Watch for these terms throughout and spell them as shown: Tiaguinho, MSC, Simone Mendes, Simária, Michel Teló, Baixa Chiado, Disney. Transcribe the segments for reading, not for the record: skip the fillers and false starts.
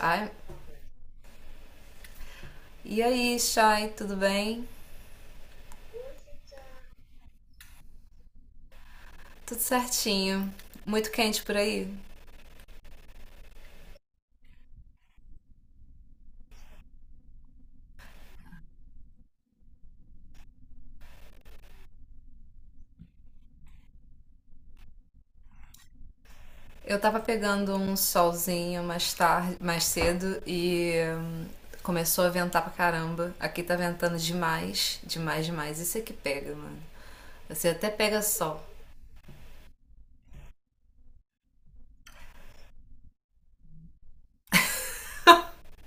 Ai, e aí, Chay, tudo bem? Tudo certinho. Muito quente por aí? Eu tava pegando um solzinho mais tarde, mais cedo e começou a ventar pra caramba. Aqui tá ventando demais, demais, demais. Isso é que pega, mano. Você até pega sol,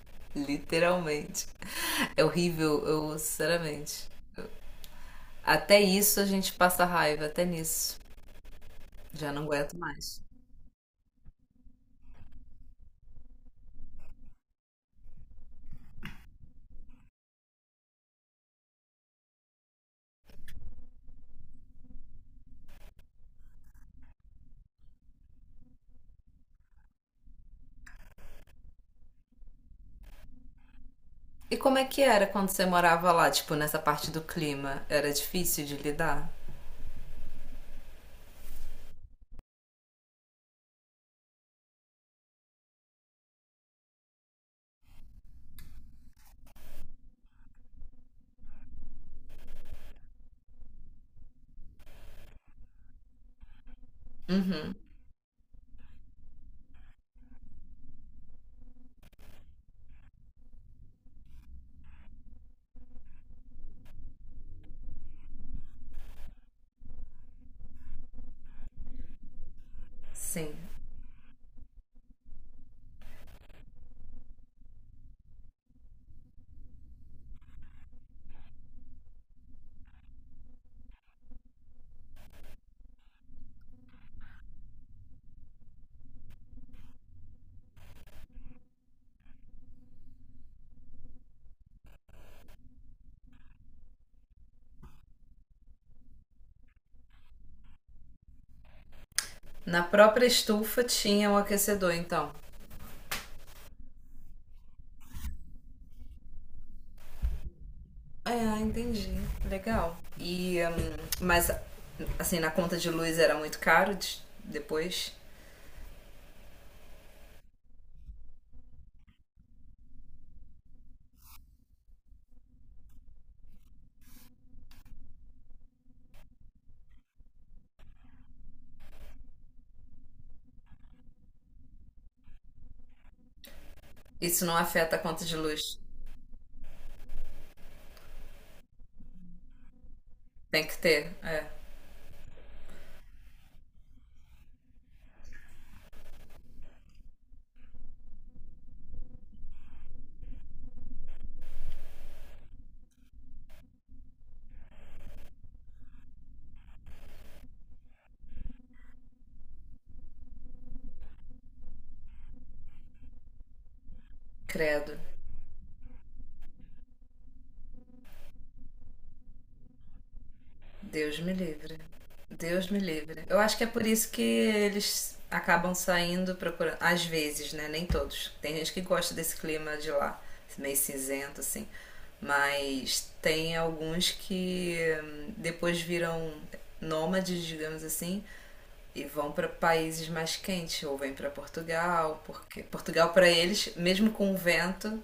literalmente. É horrível, eu, sinceramente. Até isso a gente passa raiva, até nisso. Já não aguento mais. E como é que era quando você morava lá, tipo, nessa parte do clima? Era difícil de lidar? Uhum, sim. Na própria estufa tinha um aquecedor, então. Ah, entendi. Legal. E, mas, assim, na conta de luz era muito caro depois? Isso não afeta a conta de luz. Tem que ter, é. Credo. Deus me livre. Deus me livre. Eu acho que é por isso que eles acabam saindo procurando. Às vezes, né? Nem todos. Tem gente que gosta desse clima de lá, meio cinzento, assim. Mas tem alguns que depois viram nômades, digamos assim, e vão para países mais quentes, ou vêm para Portugal, porque Portugal para eles, mesmo com o vento,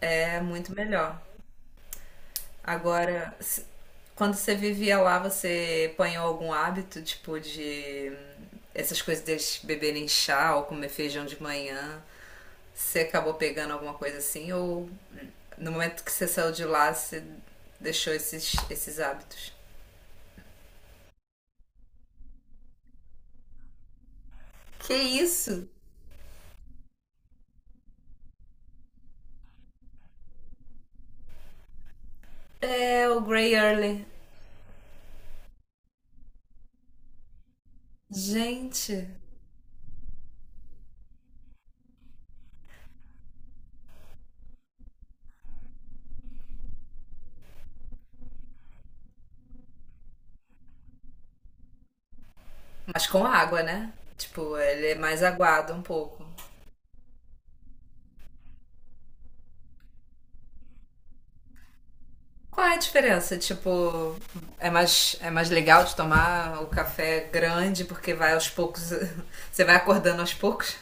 é muito melhor. Agora, quando você vivia lá, você apanhou algum hábito, tipo, de essas coisas deles beberem chá ou comer feijão de manhã? Você acabou pegando alguma coisa assim? Ou no momento que você saiu de lá, você deixou esses hábitos? Que isso? É o Grey Early. Gente. Mas com água, né? Tipo, ele é mais aguado um pouco. Qual é a diferença? Tipo, é mais legal de tomar o café grande porque vai aos poucos, você vai acordando aos poucos?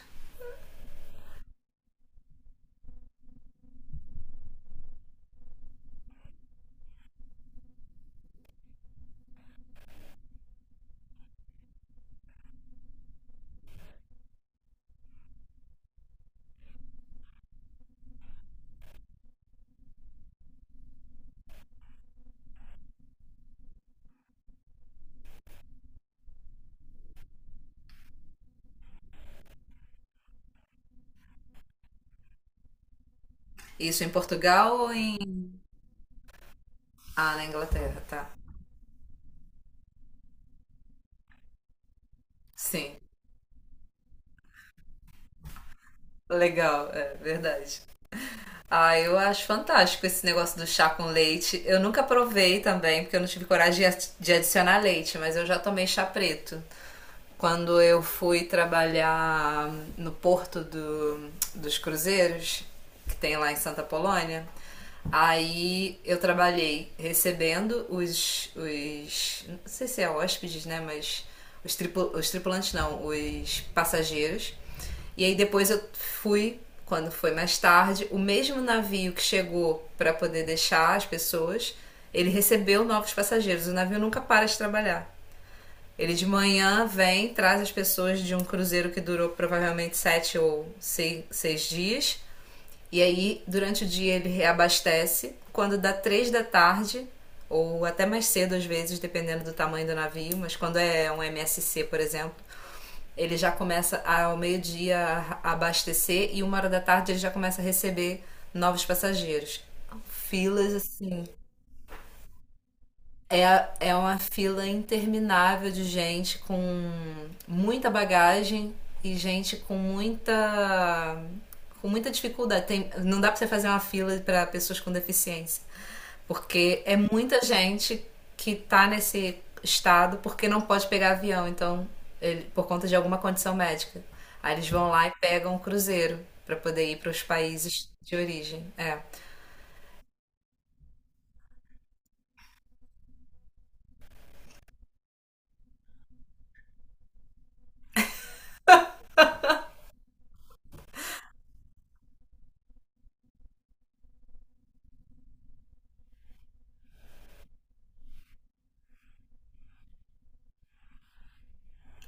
Isso em Portugal ou em. Ah, na Inglaterra, tá. Sim, legal, é verdade. Ah, eu acho fantástico esse negócio do chá com leite. Eu nunca provei também, porque eu não tive coragem de adicionar leite, mas eu já tomei chá preto. Quando eu fui trabalhar no porto dos cruzeiros, que tem lá em Santa Polônia, aí eu trabalhei recebendo os. Os não sei se é hóspedes, né? Mas os tripulantes não, os passageiros. E aí depois eu fui, quando foi mais tarde, o mesmo navio que chegou para poder deixar as pessoas, ele recebeu novos passageiros. O navio nunca para de trabalhar. Ele de manhã vem, traz as pessoas de um cruzeiro que durou provavelmente seis dias. E aí, durante o dia, ele reabastece. Quando dá três da tarde, ou até mais cedo às vezes, dependendo do tamanho do navio, mas quando é um MSC, por exemplo, ele já começa ao meio-dia a abastecer e uma hora da tarde ele já começa a receber novos passageiros. Filas assim é, é uma fila interminável de gente com muita bagagem e gente com muita, com muita dificuldade. Tem, não dá pra você fazer uma fila pra pessoas com deficiência, porque é muita gente que tá nesse estado porque não pode pegar avião, então ele, por conta de alguma condição médica. Aí eles vão lá e pegam um cruzeiro pra poder ir para os países de origem. É.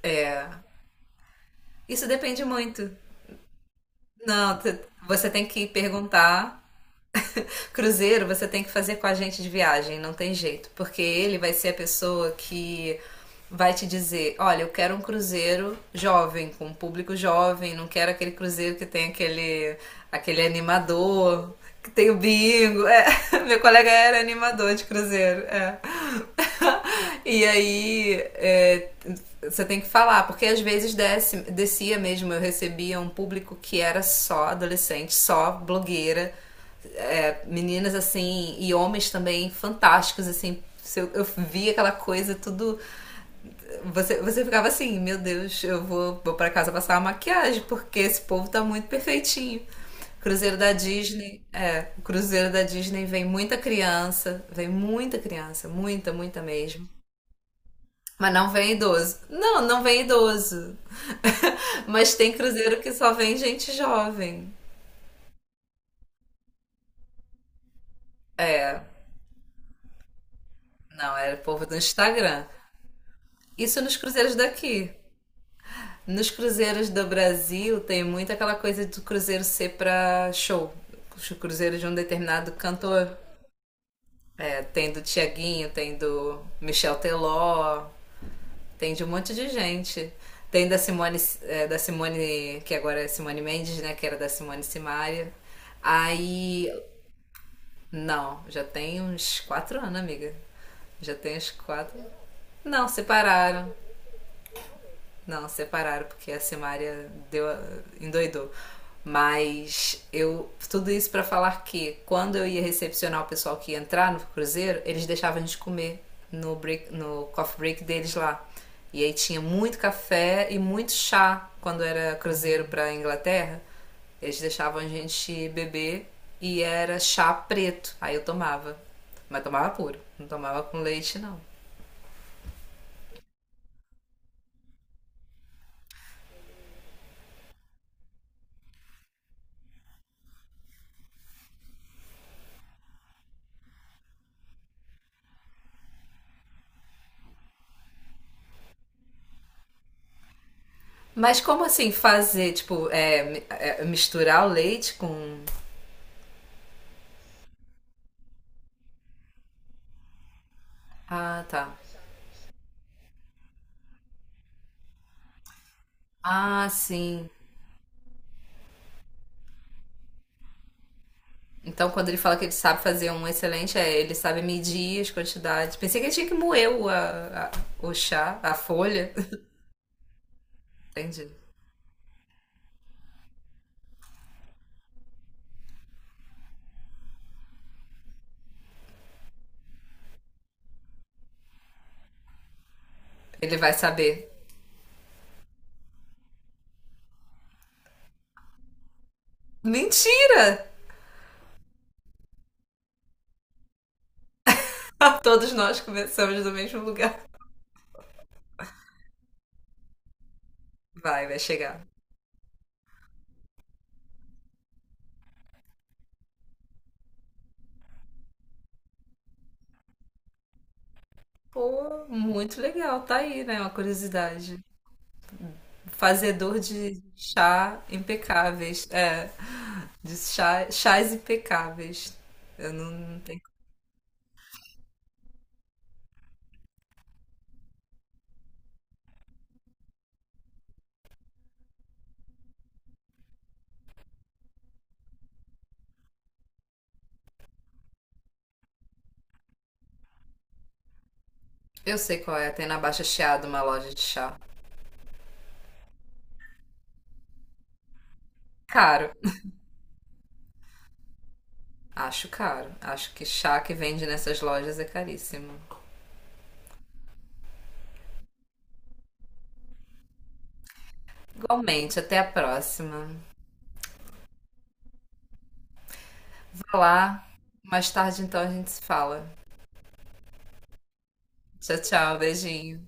É. Isso depende muito. Não, te- Você tem que perguntar. Cruzeiro, você tem que fazer com a gente de viagem, não tem jeito, porque ele vai ser a pessoa que vai te dizer: olha, eu quero um cruzeiro jovem, com um público jovem, não quero aquele cruzeiro que tem aquele, aquele animador, que tem o bingo. É, meu colega era animador de cruzeiro. É. E aí é, você tem que falar, porque às vezes desce, descia mesmo, eu recebia um público que era só adolescente, só blogueira, é, meninas assim, e homens também fantásticos, assim. Eu via aquela coisa, tudo. Você ficava assim, meu Deus, vou para casa passar uma maquiagem, porque esse povo tá muito perfeitinho. Cruzeiro da Disney, é, o Cruzeiro da Disney vem muita criança, muita, muita mesmo. Mas não vem idoso. Não, não vem idoso. Mas tem cruzeiro que só vem gente jovem. Não, era o povo do Instagram. Isso nos cruzeiros daqui. Nos cruzeiros do Brasil tem muito aquela coisa do cruzeiro ser pra show. O cruzeiro de um determinado cantor. É, tem do Tiaguinho, tem do Michel Teló, tem de um monte de gente. Tem da Simone, é, da Simone, que agora é Simone Mendes, né? Que era da Simone Simaria. Aí não, já tem uns quatro anos, amiga. Já tem uns quatro. Não, separaram. Não, separaram, porque a Simária deu, endoidou. Mas eu. Tudo isso para falar que quando eu ia recepcionar o pessoal que ia entrar no cruzeiro, eles deixavam a gente comer no, break, no coffee break deles lá. E aí tinha muito café e muito chá quando era cruzeiro pra Inglaterra. Eles deixavam a gente beber e era chá preto. Aí eu tomava. Mas tomava puro, não tomava com leite, não. Mas como assim fazer, tipo, é, misturar o leite com. Ah, tá. Ah, sim. Então quando ele fala que ele sabe fazer um excelente, é, ele sabe medir as quantidades. Pensei que ele tinha que moer o chá, a folha. Entendi. Ele vai saber. Mentira! Todos nós começamos do mesmo lugar. Vai, vai chegar. Pô, muito legal, tá aí, né? Uma curiosidade. Fazedor de chá impecáveis. É, de chá, chás impecáveis. Eu não, não tenho. Eu sei qual é. Tem na Baixa Chiado uma loja de chá. Caro. Acho caro. Acho que chá que vende nessas lojas é caríssimo. Igualmente, até a próxima. Vá lá. Mais tarde, então, a gente se fala. Tchau, tchau. Beijinho.